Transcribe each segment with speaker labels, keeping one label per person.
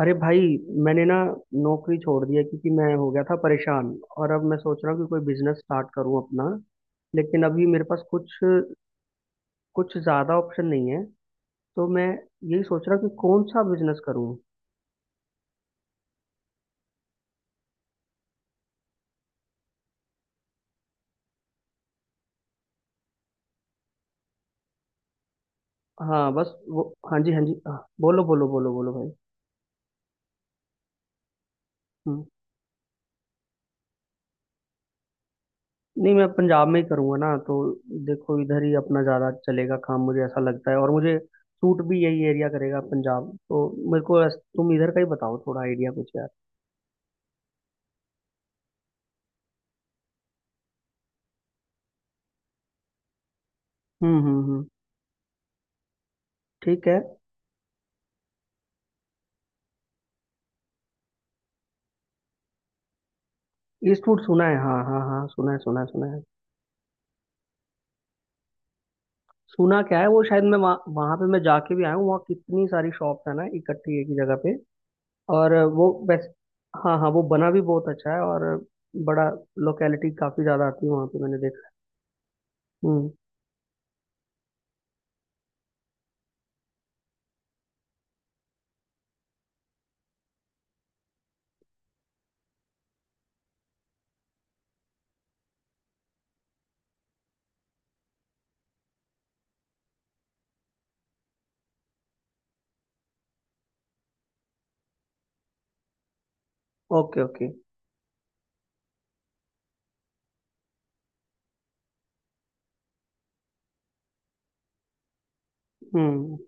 Speaker 1: अरे भाई। मैंने ना नौकरी छोड़ दी है क्योंकि मैं हो गया था परेशान। और अब मैं सोच रहा हूँ कि कोई बिजनेस स्टार्ट करूँ अपना। लेकिन अभी मेरे पास कुछ कुछ ज़्यादा ऑप्शन नहीं है। तो मैं यही सोच रहा हूँ कि कौन सा बिजनेस करूँ। हाँ बस वो। हाँ जी, हाँ जी, हाँ, बोलो बोलो बोलो बोलो भाई। हम्म। नहीं मैं पंजाब में ही करूँगा ना तो। देखो इधर ही अपना ज़्यादा चलेगा काम, मुझे ऐसा लगता है। और मुझे सूट भी यही एरिया करेगा, पंजाब तो। मेरे को तुम इधर का ही बताओ थोड़ा आइडिया कुछ यार। हम्म। ठीक है। ईस्टवुड सुना है, हाँ हाँ हाँ, सुना है सुना है सुना है। सुना क्या है वो, शायद मैं वहाँ वहाँ पे मैं जाके भी आया हूँ। वहाँ कितनी सारी शॉप्स है ना इकट्ठी एक ही जगह पे। और वो बेस्ट। हाँ हाँ, वो बना भी बहुत अच्छा है। और बड़ा लोकेलिटी काफी ज्यादा आती है वहाँ पे मैंने देखा है। हम्म। Okay okay. हम्म।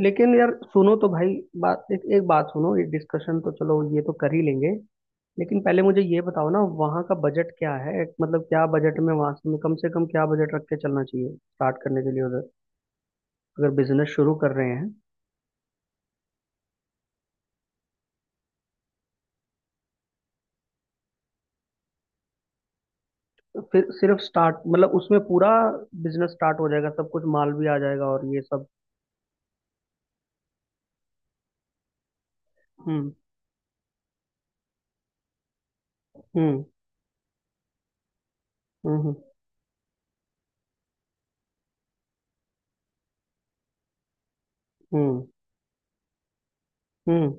Speaker 1: लेकिन यार सुनो तो भाई, बात एक बात सुनो। ये डिस्कशन तो चलो ये तो कर ही लेंगे। लेकिन पहले मुझे ये बताओ ना वहाँ का बजट क्या है। मतलब क्या बजट में, वहाँ से कम क्या बजट रख के चलना चाहिए स्टार्ट करने के लिए उधर, अगर बिजनेस शुरू कर रहे हैं। तो फिर सिर्फ स्टार्ट मतलब उसमें पूरा बिजनेस स्टार्ट हो जाएगा, सब कुछ माल भी आ जाएगा और ये सब। हम्म हम्म हम्म। हम्म हम्म।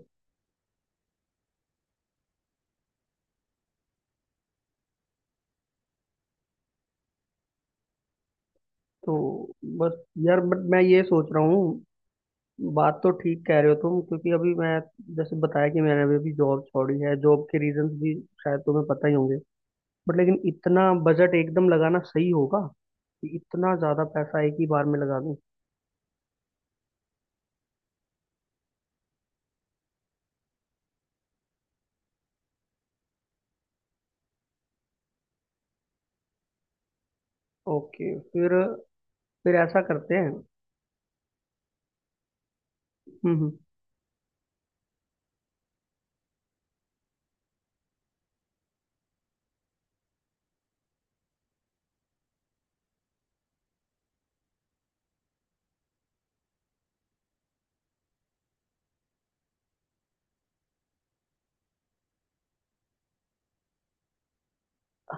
Speaker 1: तो बस यार, बट मैं ये सोच रहा हूँ। बात तो ठीक कह रहे हो तुम। क्योंकि अभी मैं जैसे बताया कि मैंने अभी अभी जॉब छोड़ी है। जॉब के रीजंस भी शायद तुम्हें पता ही होंगे। बट लेकिन इतना बजट एकदम लगाना सही होगा कि इतना ज़्यादा पैसा एक ही बार में लगा दूं। ओके। फिर ऐसा करते हैं। हम्म।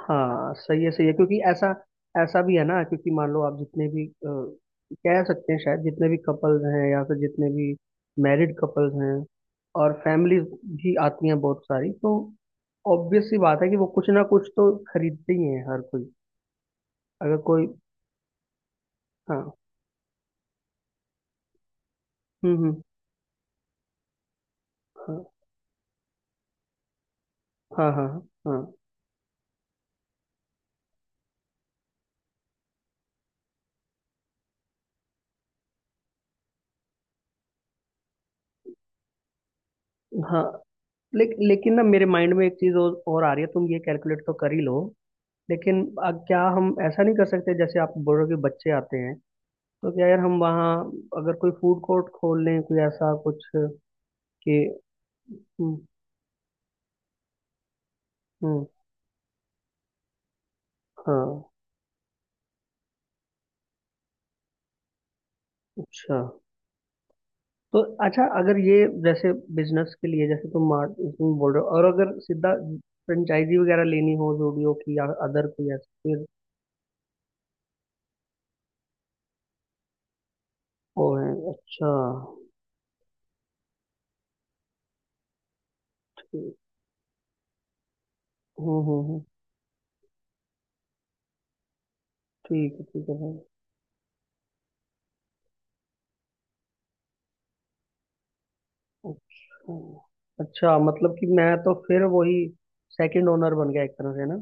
Speaker 1: हाँ सही है सही है, क्योंकि ऐसा ऐसा भी है ना। क्योंकि मान लो आप जितने भी कह सकते हैं, शायद जितने भी कपल्स हैं या फिर जितने भी मैरिड कपल्स हैं। और फैमिलीज भी आती हैं बहुत सारी। तो ऑब्वियस सी बात है कि वो कुछ ना कुछ तो खरीदते ही हैं हर कोई। अगर कोई। हाँ। हम्म। हाँ हाँ हाँ। हाँ हाँ। लेकिन ना मेरे माइंड में एक चीज और आ रही है। तुम ये कैलकुलेट तो कर ही लो। लेकिन क्या हम ऐसा नहीं कर सकते। जैसे आप बोल रहे हो कि बच्चे आते हैं, तो क्या यार हम वहाँ अगर कोई फूड कोर्ट खोल लें कोई ऐसा कुछ कि। हम्म हम्म, हाँ अच्छा। तो अच्छा अगर ये जैसे बिजनेस के लिए जैसे तुम मार्ट, तुम बोल रहे हो। और अगर सीधा फ्रेंचाइजी वगैरह लेनी हो जूडियो की या अदर कोई ऐसा फिर। वो है अच्छा। ठीक। हम्म। ठीक है भाई। अच्छा। अच्छा मतलब कि मैं तो फिर वही सेकंड ओनर बन गया एक तरह से ना।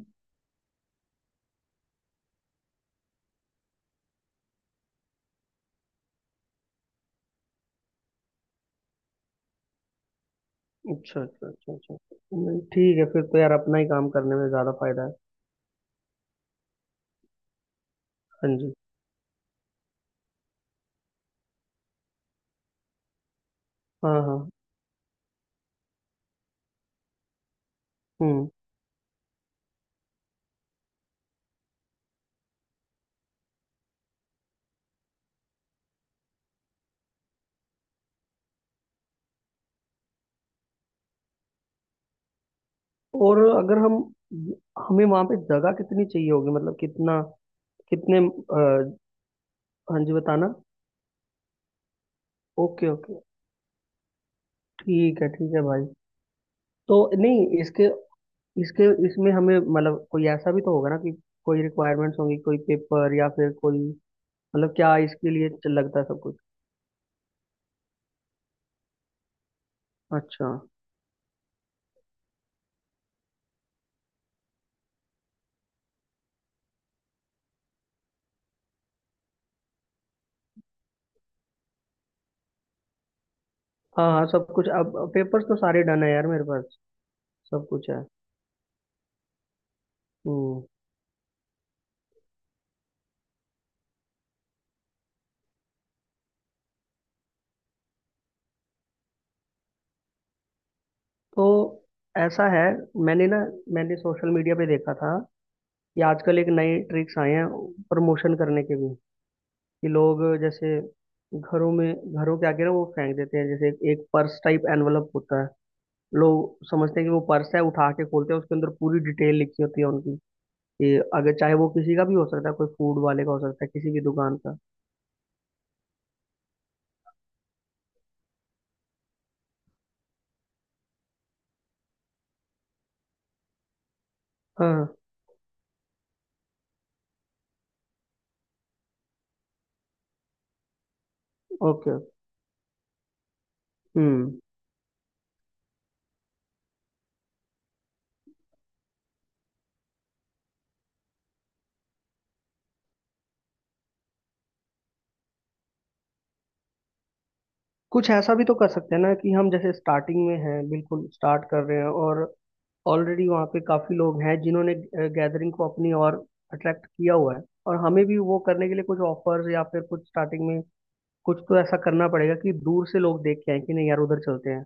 Speaker 1: अच्छा अच्छा अच्छा अच्छा। नहीं, ठीक है। फिर तो यार अपना ही काम करने में ज़्यादा फायदा है। हाँ जी। हाँ हाँ। हम्म। और अगर हम हमें वहाँ पे जगह कितनी चाहिए होगी, मतलब कितना, कितने अ, हाँ जी बताना। Okay okay. ठीक है भाई। तो नहीं इसके इसके इसमें हमें मतलब कोई ऐसा भी तो होगा ना कि कोई रिक्वायरमेंट्स होंगी, कोई पेपर या फिर कोई। मतलब क्या इसके लिए लगता है सब कुछ। अच्छा। हाँ हाँ सब कुछ, अब पेपर्स तो सारे डन है यार मेरे पास। सब कुछ है। हम्म। तो ऐसा है मैंने ना, मैंने सोशल मीडिया पे देखा था कि आजकल एक नए ट्रिक्स आए हैं प्रमोशन करने के भी। कि लोग जैसे घरों में, घरों के आगे ना वो फेंक देते हैं जैसे एक पर्स टाइप एनवलप होता है। लोग समझते हैं कि वो पर्स है, उठा के खोलते हैं, उसके अंदर पूरी डिटेल लिखी होती है उनकी कि अगर चाहे वो किसी का भी हो सकता है, कोई फूड वाले का हो सकता है, किसी भी दुकान का। हाँ। ओके। हम्म। कुछ ऐसा भी तो कर सकते हैं ना कि हम जैसे स्टार्टिंग में हैं, बिल्कुल स्टार्ट कर रहे हैं। और ऑलरेडी वहाँ पे काफी लोग हैं जिन्होंने गैदरिंग को अपनी ओर अट्रैक्ट किया हुआ है। और हमें भी वो करने के लिए कुछ ऑफर्स या फिर कुछ स्टार्टिंग में कुछ तो ऐसा करना पड़ेगा कि दूर से लोग देख के आए कि नहीं यार उधर चलते हैं।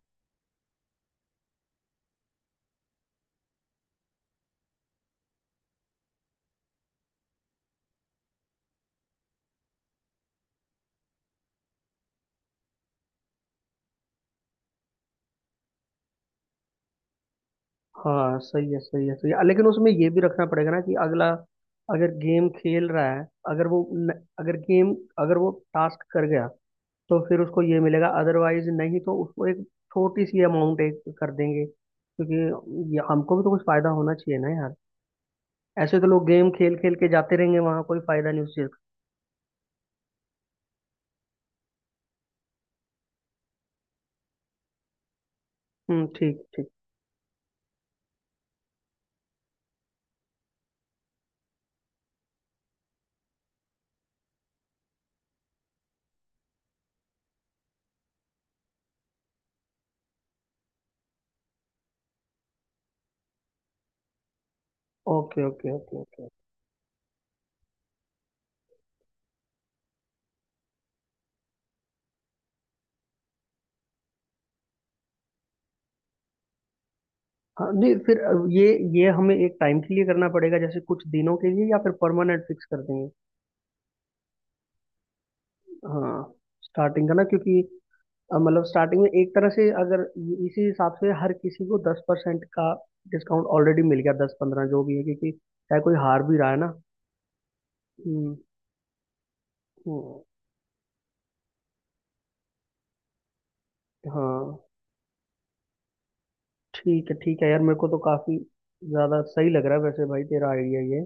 Speaker 1: हाँ सही है सही है सही है। लेकिन उसमें ये भी रखना पड़ेगा ना कि अगला अगर गेम खेल रहा है, अगर वो न, अगर गेम अगर वो टास्क कर गया तो फिर उसको ये मिलेगा, अदरवाइज नहीं तो उसको एक छोटी सी अमाउंट एक कर देंगे। क्योंकि ये हमको भी तो कुछ फायदा होना चाहिए ना यार। ऐसे तो लोग गेम खेल खेल के जाते रहेंगे वहां, कोई फायदा नहीं उस चीज का। हम्म, ठीक ठीक। Okay okay okay okay. हाँ नहीं फिर ये हमें एक टाइम के लिए करना पड़ेगा जैसे कुछ दिनों के लिए, या फिर परमानेंट फिक्स कर देंगे। हाँ। स्टार्टिंग का ना, क्योंकि मतलब स्टार्टिंग में एक तरह से, अगर इसी हिसाब से हर किसी को 10% का डिस्काउंट ऑलरेडी मिल गया, 10-15 जो भी है, क्योंकि चाहे कोई हार भी रहा है ना। हम्म हम्म, हाँ ठीक है यार। मेरे को तो काफी ज्यादा सही लग रहा है वैसे भाई तेरा आइडिया ये।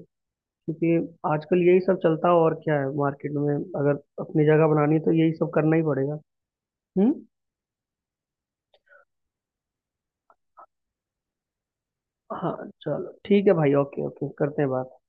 Speaker 1: क्योंकि आजकल यही सब चलता है और क्या है मार्केट में। अगर अपनी जगह बनानी है तो यही सब करना ही पड़ेगा। हम्म। हाँ चलो ठीक है भाई, ओके ओके करते हैं बात।